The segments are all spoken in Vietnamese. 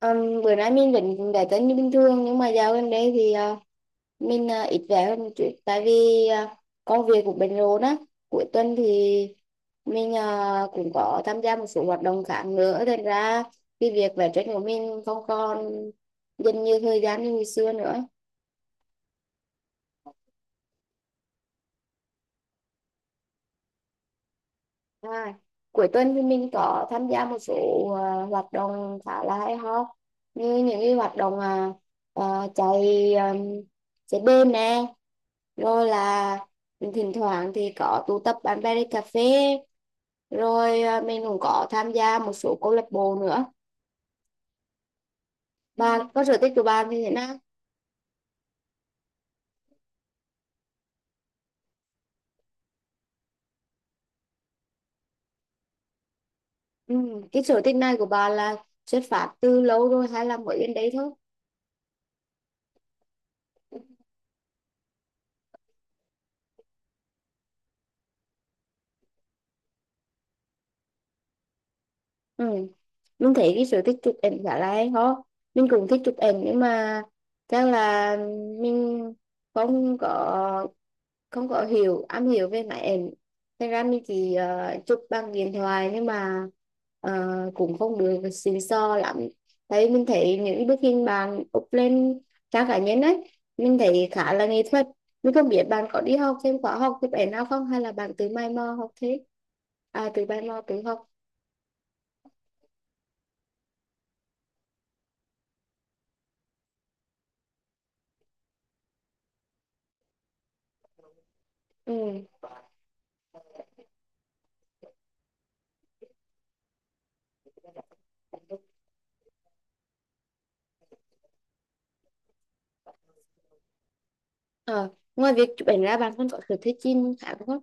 Bữa nay mình vẫn đã tính như bình thường nhưng mà dạo gần đây thì mình ít về hơn một chút tại vì công việc cũng bận rộn á. Cuối tuần thì mình cũng có tham gia một số hoạt động khác nữa, thành ra cái việc vẽ tranh của mình không còn dành nhiều thời gian như ngày xưa nữa. à, Cuối tuần thì mình có tham gia một số hoạt động khá là hay ho, như những cái hoạt động chạy chạy đêm nè, rồi là thỉnh thoảng thì có tụ tập bạn bè đi cà phê, rồi mình cũng có tham gia một số câu lạc bộ nữa. Bạn có sở thích của bạn thì thế nào? Ừ, cái sở thích này của bạn là xuất phát từ lâu rồi hay là mới đến đấy thôi? Ừ. Mình thấy cái sở thích chụp ảnh khá là hay ho, mình cũng thích chụp ảnh nhưng mà chắc là mình không có không có am hiểu về máy ảnh, thế ra mình chỉ chụp bằng điện thoại nhưng mà cũng không được xịn sò lắm. Mình thấy những bức hình bạn up lên trang cá nhân ấy, mình thấy khá là nghệ thuật. Mình không biết bạn có đi học thêm khóa học chụp ảnh nào không hay là bạn tự mày mò học thế? À, tự mày mò tự học. Ừ. Ờ, ngoài việc chụp ảnh ra bạn còn có sở thích chim khác không?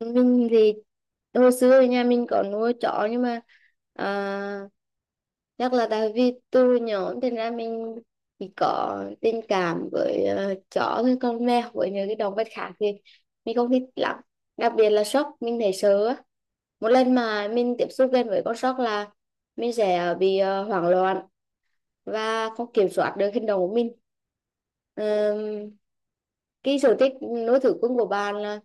Mình thì hồi xưa thì nhà mình có nuôi chó nhưng mà à, chắc là tại vì từ nhỏ, thành ra mình chỉ có tình cảm với chó với con mèo, với những cái động vật khác thì mình không thích lắm. Đặc biệt là sóc, mình thấy sợ á. Một lần mà mình tiếp xúc gần với con sóc là mình sẽ bị hoảng loạn và không kiểm soát được hành động của mình. Ờm, cái sở thích nuôi thú cưng của bạn là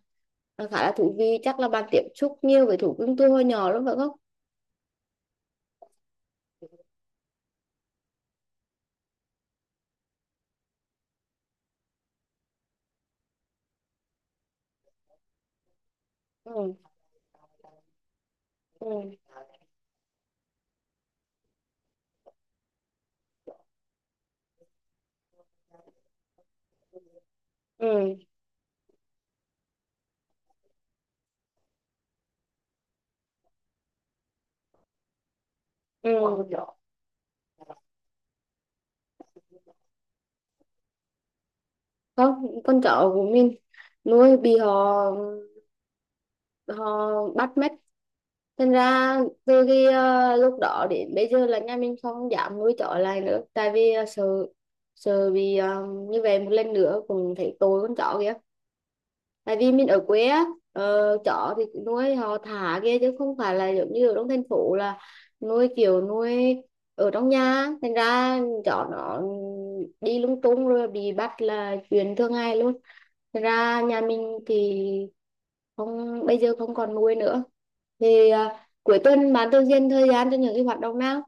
là khá là thú vị, chắc là bạn tiếp xúc nhiều với thú cưng từ hồi nhỏ lắm phải không? Ừ, ừ, ừ, ừ, không, con chó của mình nuôi bị họ họ bắt mất, thành ra từ khi lúc đó đến bây giờ là nhà mình không dám nuôi chó lại nữa tại vì sợ sợ bị như vậy một lần nữa, cũng thấy tội con chó kìa. Tại vì mình ở quê á, chó thì nuôi họ thả kia chứ không phải là giống như ở trong thành phố là nuôi kiểu nuôi ở trong nhà, thành ra chó nó đi lung tung rồi bị bắt là chuyện thường ngày luôn. Thành ra nhà mình thì không, bây giờ không còn nuôi nữa. Thì cuối tuần bạn thường dành thời gian cho những cái hoạt động nào?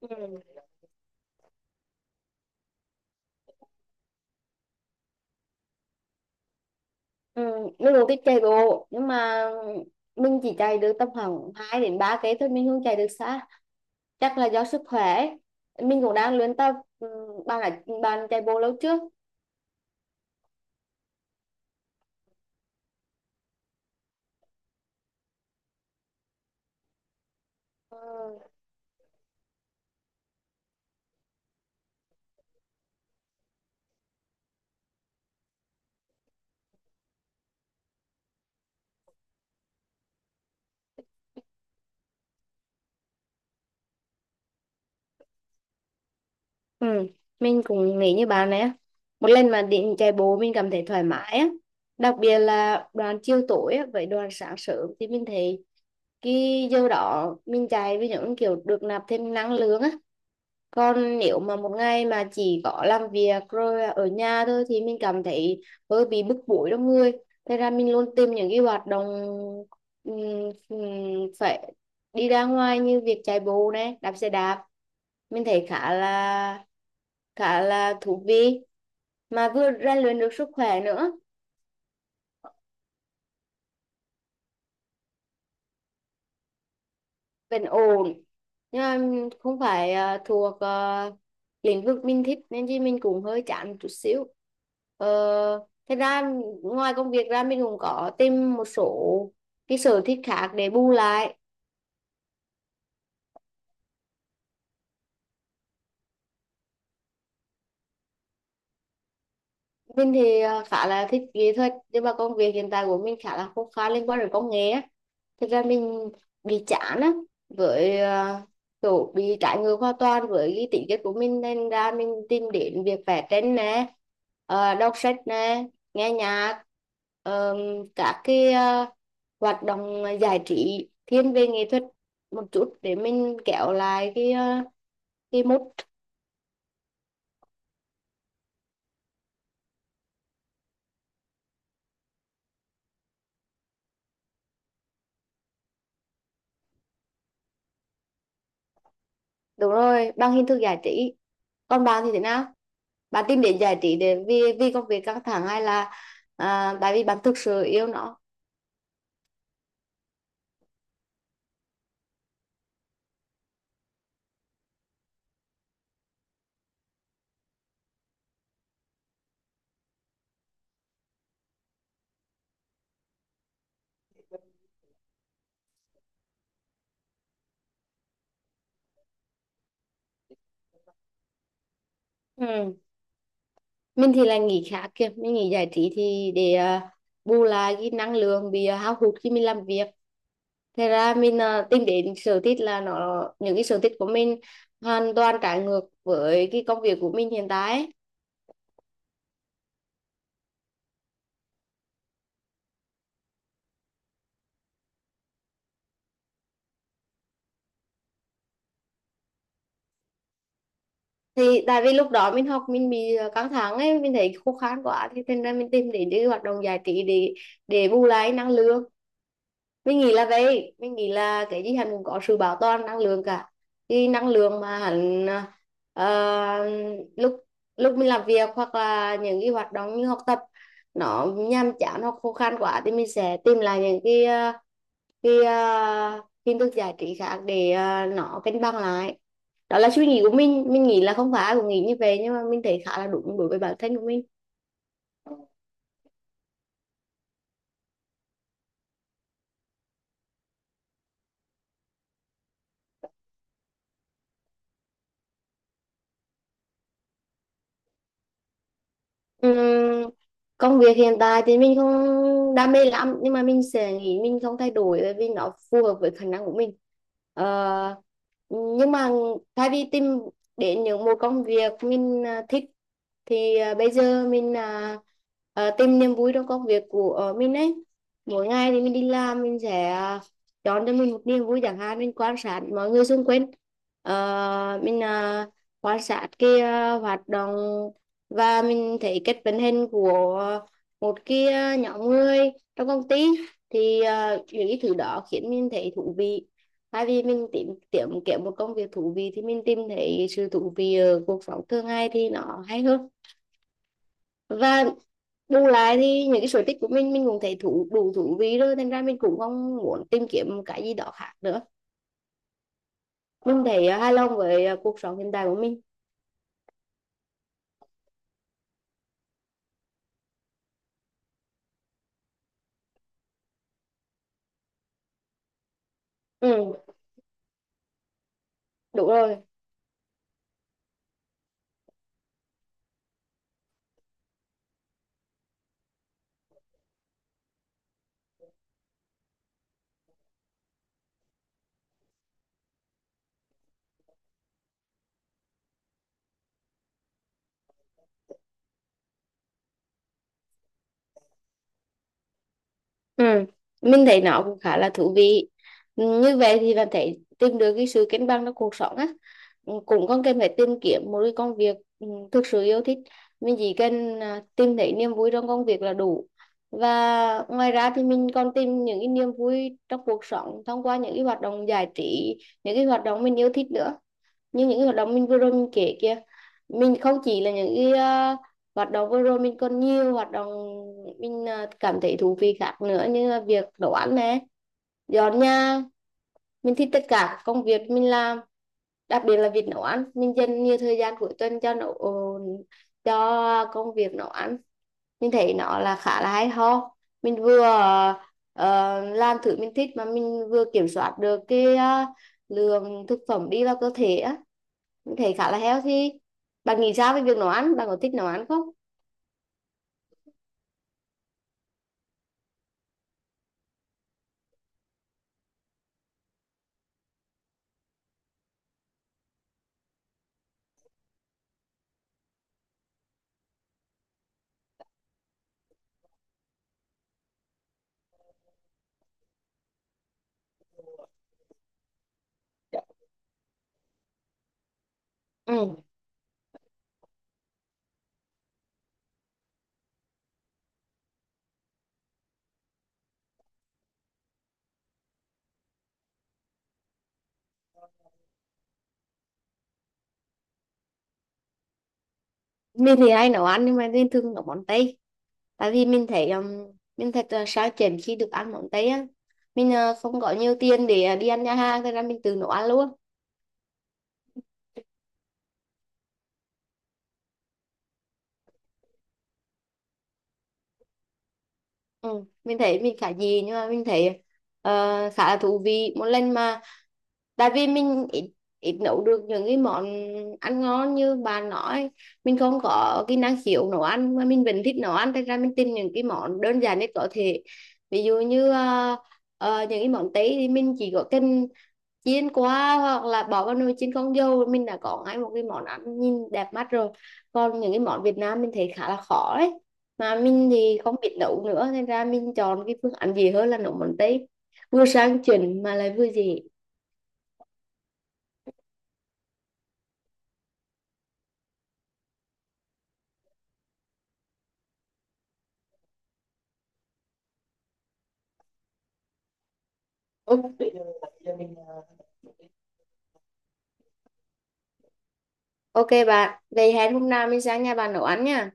Ừ. Ừ. Mình cũng thích chạy bộ nhưng mà mình chỉ chạy được tầm khoảng 2 đến 3 cây thôi, mình không chạy được xa, chắc là do sức khỏe, mình cũng đang luyện tập. Ừ, bạn chạy bộ lâu trước? Ừ. Ừ. Mình cũng nghĩ như bạn này á, một lần mà định chạy bộ mình cảm thấy thoải mái á, đặc biệt là đoạn chiều tối á, với đoạn sáng sớm thì mình thấy cái giờ đó mình chạy với những kiểu được nạp thêm năng lượng á. Còn nếu mà một ngày mà chỉ có làm việc rồi ở nhà thôi thì mình cảm thấy hơi bị bức bối trong người. Thế ra mình luôn tìm những cái hoạt động ừm, ừm, phải đi ra ngoài như việc chạy bộ này, đạp xe đạp. Mình thấy khá là thú vị mà vừa rèn luyện được sức khỏe nữa. Vẫn ổn, nhưng mà không phải thuộc lĩnh vực mình thích nên chứ mình cũng hơi chán một chút xíu. Ờ, thế ra ngoài công việc ra mình cũng có tìm một số cái sở thích khác để bù lại. Mình thì khá là thích nghệ thuật nhưng mà công việc hiện tại của mình khá là khô khan, liên quan đến công nghệ á. Thực ra mình bị chán á, với kiểu bị trái ngược hoàn toàn với cái tính chất của mình nên ra mình tìm đến việc vẽ tranh nè, đọc sách nè, nghe nhạc, ờ, các cái hoạt động giải trí thiên về nghệ thuật một chút để mình kéo lại cái mood. Đúng rồi, bằng hình thức giải trí. Còn bạn thì thế nào, bạn tìm đến giải trí để vì vì công việc căng thẳng hay là tại vì bạn thực sự yêu nó? Ừ. Mình thì là nghỉ khá kìa, mình nghỉ giải trí thì để bù lại cái năng lượng bị hao hụt khi mình làm việc, thế ra mình tìm đến sở thích là nó, những cái sở thích của mình hoàn toàn trái ngược với cái công việc của mình hiện tại ấy. Thì tại vì lúc đó mình học mình bị căng thẳng ấy, mình thấy khô khan quá thì thành ra mình tìm đến những hoạt động giải trí để bù lại năng lượng. Mình nghĩ là vậy, mình nghĩ là cái gì hắn cũng có sự bảo toàn năng lượng cả. Thì năng lượng mà hắn ờ, lúc lúc mình làm việc hoặc là những cái hoạt động như học tập nó nhàm chán hoặc khô khan quá thì mình sẽ tìm lại những cái hình thức giải trí khác để nó cân bằng lại. Đó là suy nghĩ của mình nghĩ là không phải ai cũng nghĩ như vậy nhưng mà mình thấy khá là đúng đối với bản thân của mình. Ừm, Công việc hiện tại thì mình không đam mê lắm nhưng mà mình sẽ nghĩ mình không thay đổi bởi vì nó phù hợp với khả năng của mình. Ờ, nhưng mà thay vì tìm đến những một công việc mình thích thì bây giờ mình tìm niềm vui trong công việc của mình ấy. Mỗi ngày thì mình đi làm mình sẽ chọn cho mình một niềm vui, chẳng hạn mình quan sát mọi người xung quanh. Ờ, mình quan sát cái hoạt động và mình thấy cách vận hành của một cái nhóm người trong công ty, thì những cái thứ đó khiến mình thấy thú vị. Thay vì mình tìm tìm kiếm một công việc thú vị thì mình tìm thấy sự thú vị ở cuộc sống thường ngày thì nó hay hơn. Và bù lại thì những cái sở thích của mình cũng thấy đủ thú vị rồi, thành ra mình cũng không muốn tìm kiếm một cái gì đó khác nữa. Mình thấy hài lòng với cuộc sống hiện tại của mình. Ừ, đúng rồi. Ừ, mình thấy nó cũng khá là thú vị. Ừ, như vậy thì bạn thấy tìm được cái sự cân bằng trong cuộc sống á, cũng không cần phải tìm kiếm một cái công việc thực sự yêu thích. Mình chỉ cần tìm thấy niềm vui trong công việc là đủ. Và ngoài ra thì mình còn tìm những cái niềm vui trong cuộc sống thông qua những cái hoạt động giải trí, những cái hoạt động mình yêu thích nữa, như những cái hoạt động mình vừa rồi mình kể kia. Mình không chỉ là những cái hoạt động vừa rồi, mình còn nhiều hoạt động mình cảm thấy thú vị khác nữa, như là việc nấu ăn này, dọn nhà. Mình thích tất cả các công việc mình làm, đặc biệt là việc nấu ăn, mình dành nhiều thời gian cuối tuần cho cho công việc nấu ăn. Mình thấy nó là khá là hay ho, mình vừa làm thử mình thích mà mình vừa kiểm soát được cái lượng thực phẩm đi vào cơ thể á, thấy khá là healthy. Bạn nghĩ sao về việc nấu ăn, bạn có thích nấu ăn không? Ừ. Mình thì hay nấu ăn nhưng mà mình thường nấu món Tây, tại vì mình thấy mình thật là sao chèn khi được ăn món Tây á. Mình không có nhiều tiền để đi ăn nhà hàng thế ra mình tự nấu ăn luôn. Ừ. Mình thấy mình khá gì nhưng mà mình thấy ờ, khá là thú vị một lần mà. Tại vì mình ít nấu được những cái món ăn ngon như bà nói, mình không có kỹ năng hiểu nấu ăn mà mình vẫn thích nấu ăn thành ra mình tìm những cái món đơn giản nhất có thể. Ví dụ như những cái món Tây thì mình chỉ có cần chiên qua hoặc là bỏ vào nồi chiên không dầu, mình đã có ngay một cái món ăn nhìn đẹp mắt rồi. Còn những cái món Việt Nam mình thấy khá là khó đấy, mà mình thì không biết nấu nữa nên ra mình chọn cái phương án gì hơn là nấu món Tây, vừa sang chỉnh mà lại vừa dễ. Ừ, à, ok bạn, vậy hẹn hôm nào mình sang nhà bạn nấu ăn nha.